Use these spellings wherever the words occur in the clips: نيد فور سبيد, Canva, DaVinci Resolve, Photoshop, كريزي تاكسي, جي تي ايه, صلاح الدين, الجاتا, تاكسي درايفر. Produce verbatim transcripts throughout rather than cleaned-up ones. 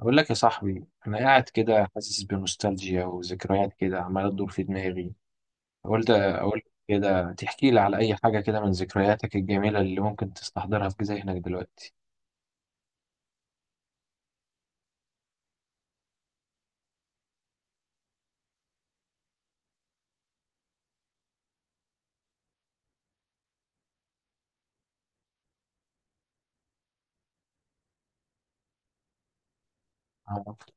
أقول لك يا صاحبي أنا قاعد كده حاسس بنوستالجيا وذكريات كده عمالة تدور في دماغي. قلت أقول لك كده تحكي لي على أي حاجة كده من ذكرياتك الجميلة اللي ممكن تستحضرها في ذهنك دلوقتي. آه،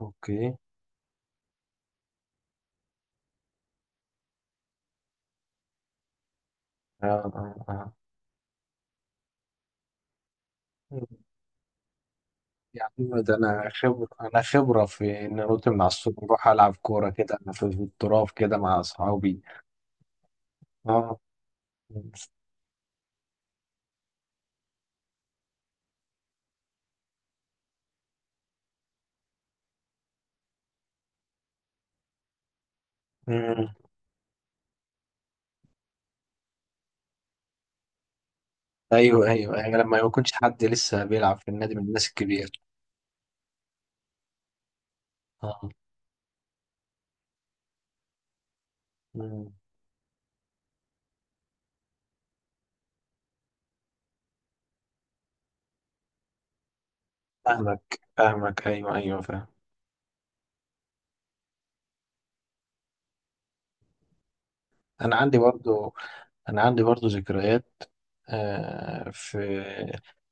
أوكي. آه آه آه. يعني ده أنا خبرة أنا خبرة في إن أنط من على السور وأروح ألعب كورة كده أنا في في التراب كده مع أصحابي. آه. مم. أيوه أيوه أيوه، لما ما يكونش حد لسه بيلعب في النادي من الناس الكبيرة. آه. مم. فاهمك فاهمك، ايوه ايوه، فاهم. انا عندي برضو انا عندي برضو ذكريات. آه في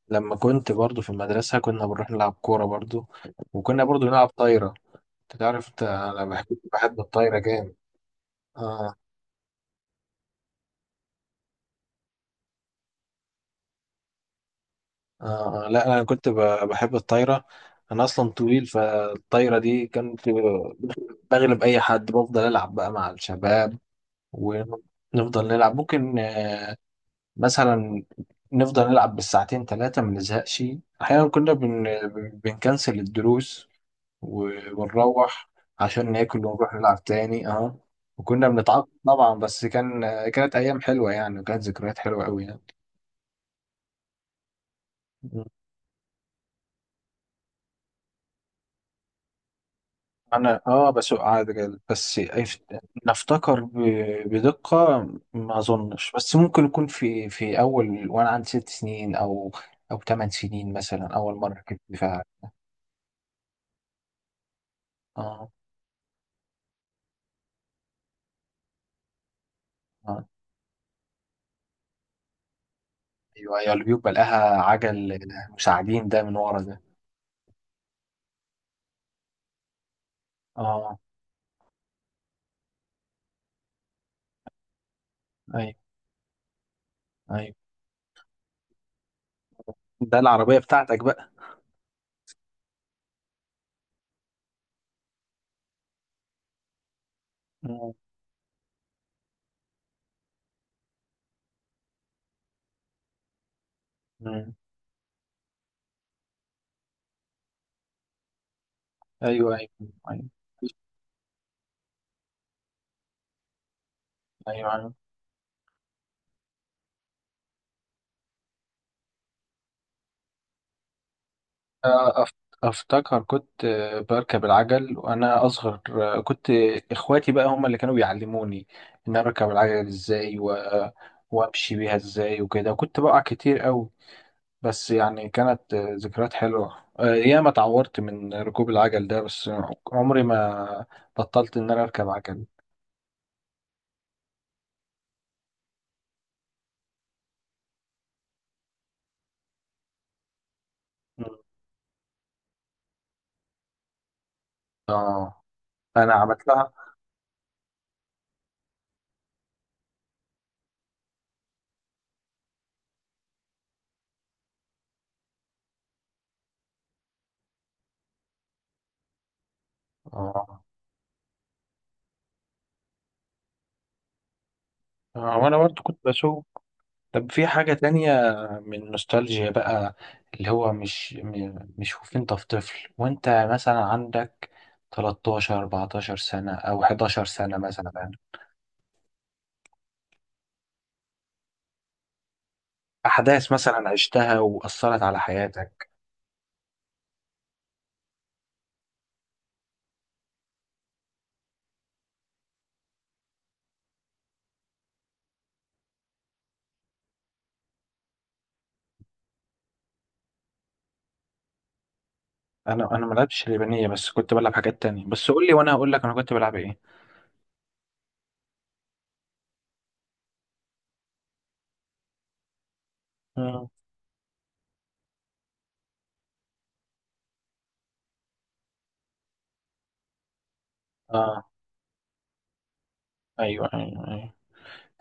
لما كنت برضو في المدرسه كنا بنروح نلعب كوره برضو، وكنا برضو نلعب طايره. انت تعرف انت انا بحب بحب الطايره جامد. آه, آه, اه، لا انا كنت ب- بحب الطايره. انا اصلا طويل، فالطايره دي كنت بغلب اي حد، بفضل العب بقى مع الشباب ونفضل نلعب ممكن آه، مثلا نفضل نلعب بالساعتين ثلاثة ما نزهقش. أحيانا كنا بن... بنكنسل الدروس، و- ونروح عشان ناكل ونروح نلعب تاني، اه. وكنا بنتعاقب طبعا بس كان كانت أيام حلوة يعني، وكانت ذكريات حلوة أوي يعني. أنا اه بسوق عجل بس أيف- نفتكر ب... بدقة. ما أظنش بس ممكن يكون في في أول وأنا عندي ست سنين، أو أو ثمان سنين مثلا، أول مرة كنت فيها. اه أه. ايوه ايوه، اللي بيبقى لها عجل مساعدين ده من ورا ده، اه. ايوه ايوه، ده العربية بتاعتك بقى. مم. مم. ايوه ايوه ايوه ايوه أيوة. آه، أف- افتكر كنت آه، بركب العجل وانا اصغر. آه، كنت اخواتي بقى هم اللي كانوا بيعلموني ان أنا اركب العجل ازاي و... وامشي بيها ازاي وكده، كنت بقع كتير قوي. بس يعني كانت آه، ذكريات حلوة. آه، ياما اتعورت من ركوب العجل ده، بس عمري ما بطلت إن أنا أركب عجل. مم. اه. أنا عملتها، اه. آه، وأنا برضو كنت بشوف. طب في حاجة تانية من نوستالجيا بقى، اللي هو مش م- مش وانت في طفل، وانت مثلا عندك ثلاثة عشر اربعتاشر سنة أو احداشر سنة مثلا، أحداث مثلا عشتها وأثرت على حياتك. انا انا ما لعبتش اليابانيه، بس كنت بلعب حاجات تانية، بس قول لي وانا هقول لك انا كنت بلعب ايه. مم. اه ايوه ايوه ايوه.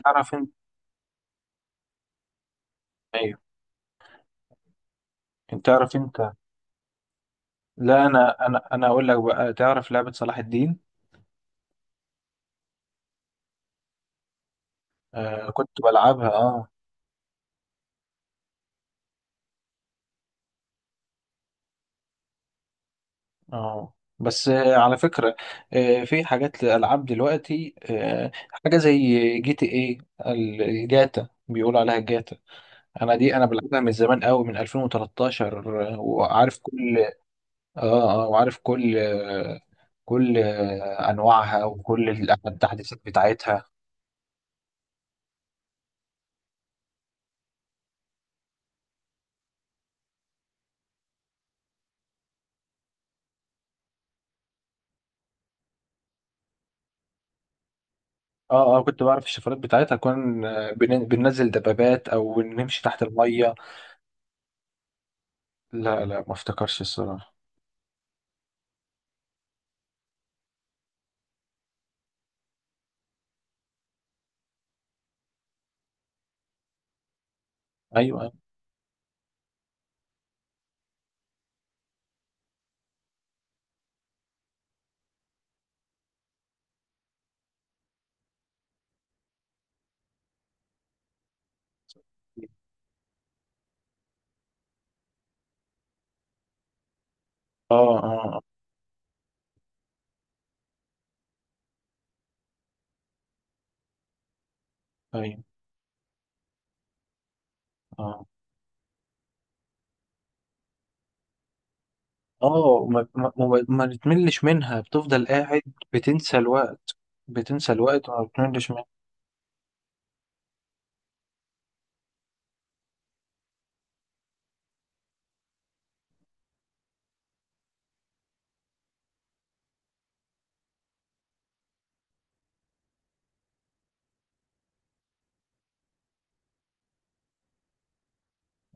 تعرف انت ايوه، انت تعرف انت، لا انا انا انا اقول لك بقى، تعرف لعبه صلاح الدين. آه كنت بلعبها، اه. اه، بس آه على فكره. آه في حاجات الالعاب دلوقتي، آه حاجه زي جي تي ايه، ال- الجاتا بيقولوا عليها الجاتا. انا دي انا بلعبها من زمان قوي من ألفين وتلتاشر. آه، وعارف كل، اه اه، وعارف كل كل انواعها وكل التحديثات بتاعتها. اه اه، كنت بعرف الشفرات بتاعتها. كنا بن- بننزل دبابات او نمشي تحت الميه. لا لا، ما افتكرش الصراحه. ايوه أيوة. اه اه آه، ايوه، اه اه. ما, ما, ما ما بتملش منها، بتفضل قاعد. بتنسى الوقت، بتنسى الوقت، وما بتملش منها.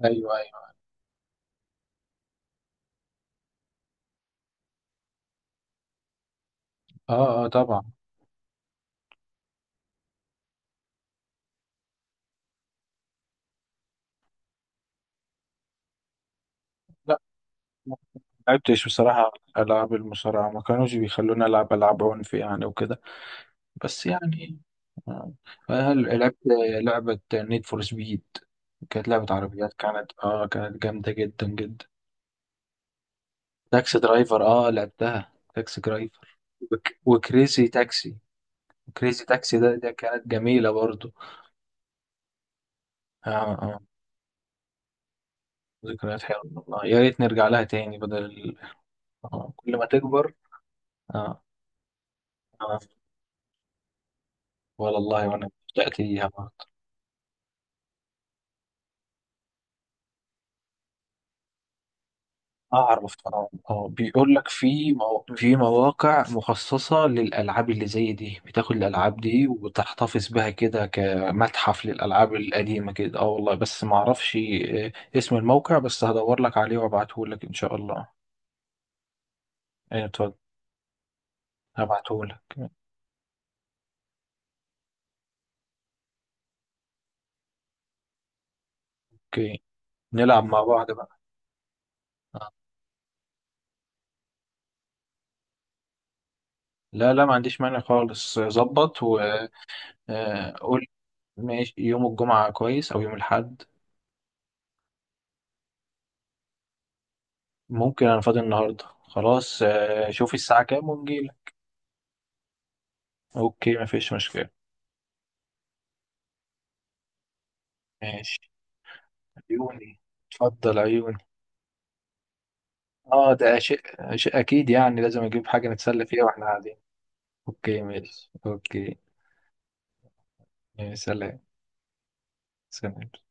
ايوه ايوه. اه اه طبعا. لا لعبتش بصراحة، ألعاب المصارعة ما كانوش بيخلوني ألعب ألعاب عنف يعني وكده، بس يعني. آه. هل لعبت لعبة نيد فور سبيد؟ كانت لعبة عربيات، كانت اه كانت جامدة جدا جدا. تاكسي درايفر، اه، لعبتها تاكسي درايفر. وك- وكريزي تاكسي. كريزي تاكسي ده ده كانت جميلة برضو. اه اه، ذكريات حلوة والله، يا ريت نرجع لها تاني بدل ال- آه. كل ما تكبر. اه اه والله، وانا بدأت اياها. أعرف طبعا، اه بيقول لك في مو... في مواقع مخصصة للألعاب اللي زي دي، بتاخد الألعاب دي وتحتفظ بها كده كمتحف للألعاب القديمة كده، اه والله، بس ما أعرفش آه، اسم الموقع، بس هدور لك عليه وأبعته لك إن شاء الله. أيوة، اتفضل. هبعته لك. أوكي. نلعب مع بعض بقى. آه. لا لا، ما عنديش مانع خالص، ظبط وقول. ماشي، يوم الجمعة كويس أو يوم الأحد. ممكن، أنا فاضي النهاردة خلاص، آه، شوف الساعة كام ونجيلك. اوكي مفيش مشكلة. ماشي. عيوني، اتفضل عيوني. اه، ده شيء شيء اكيد يعني، لازم اجيب حاجة نتسلى فيها واحنا قاعدين. اوكي ماشي اوكي. يا سلام. سلام.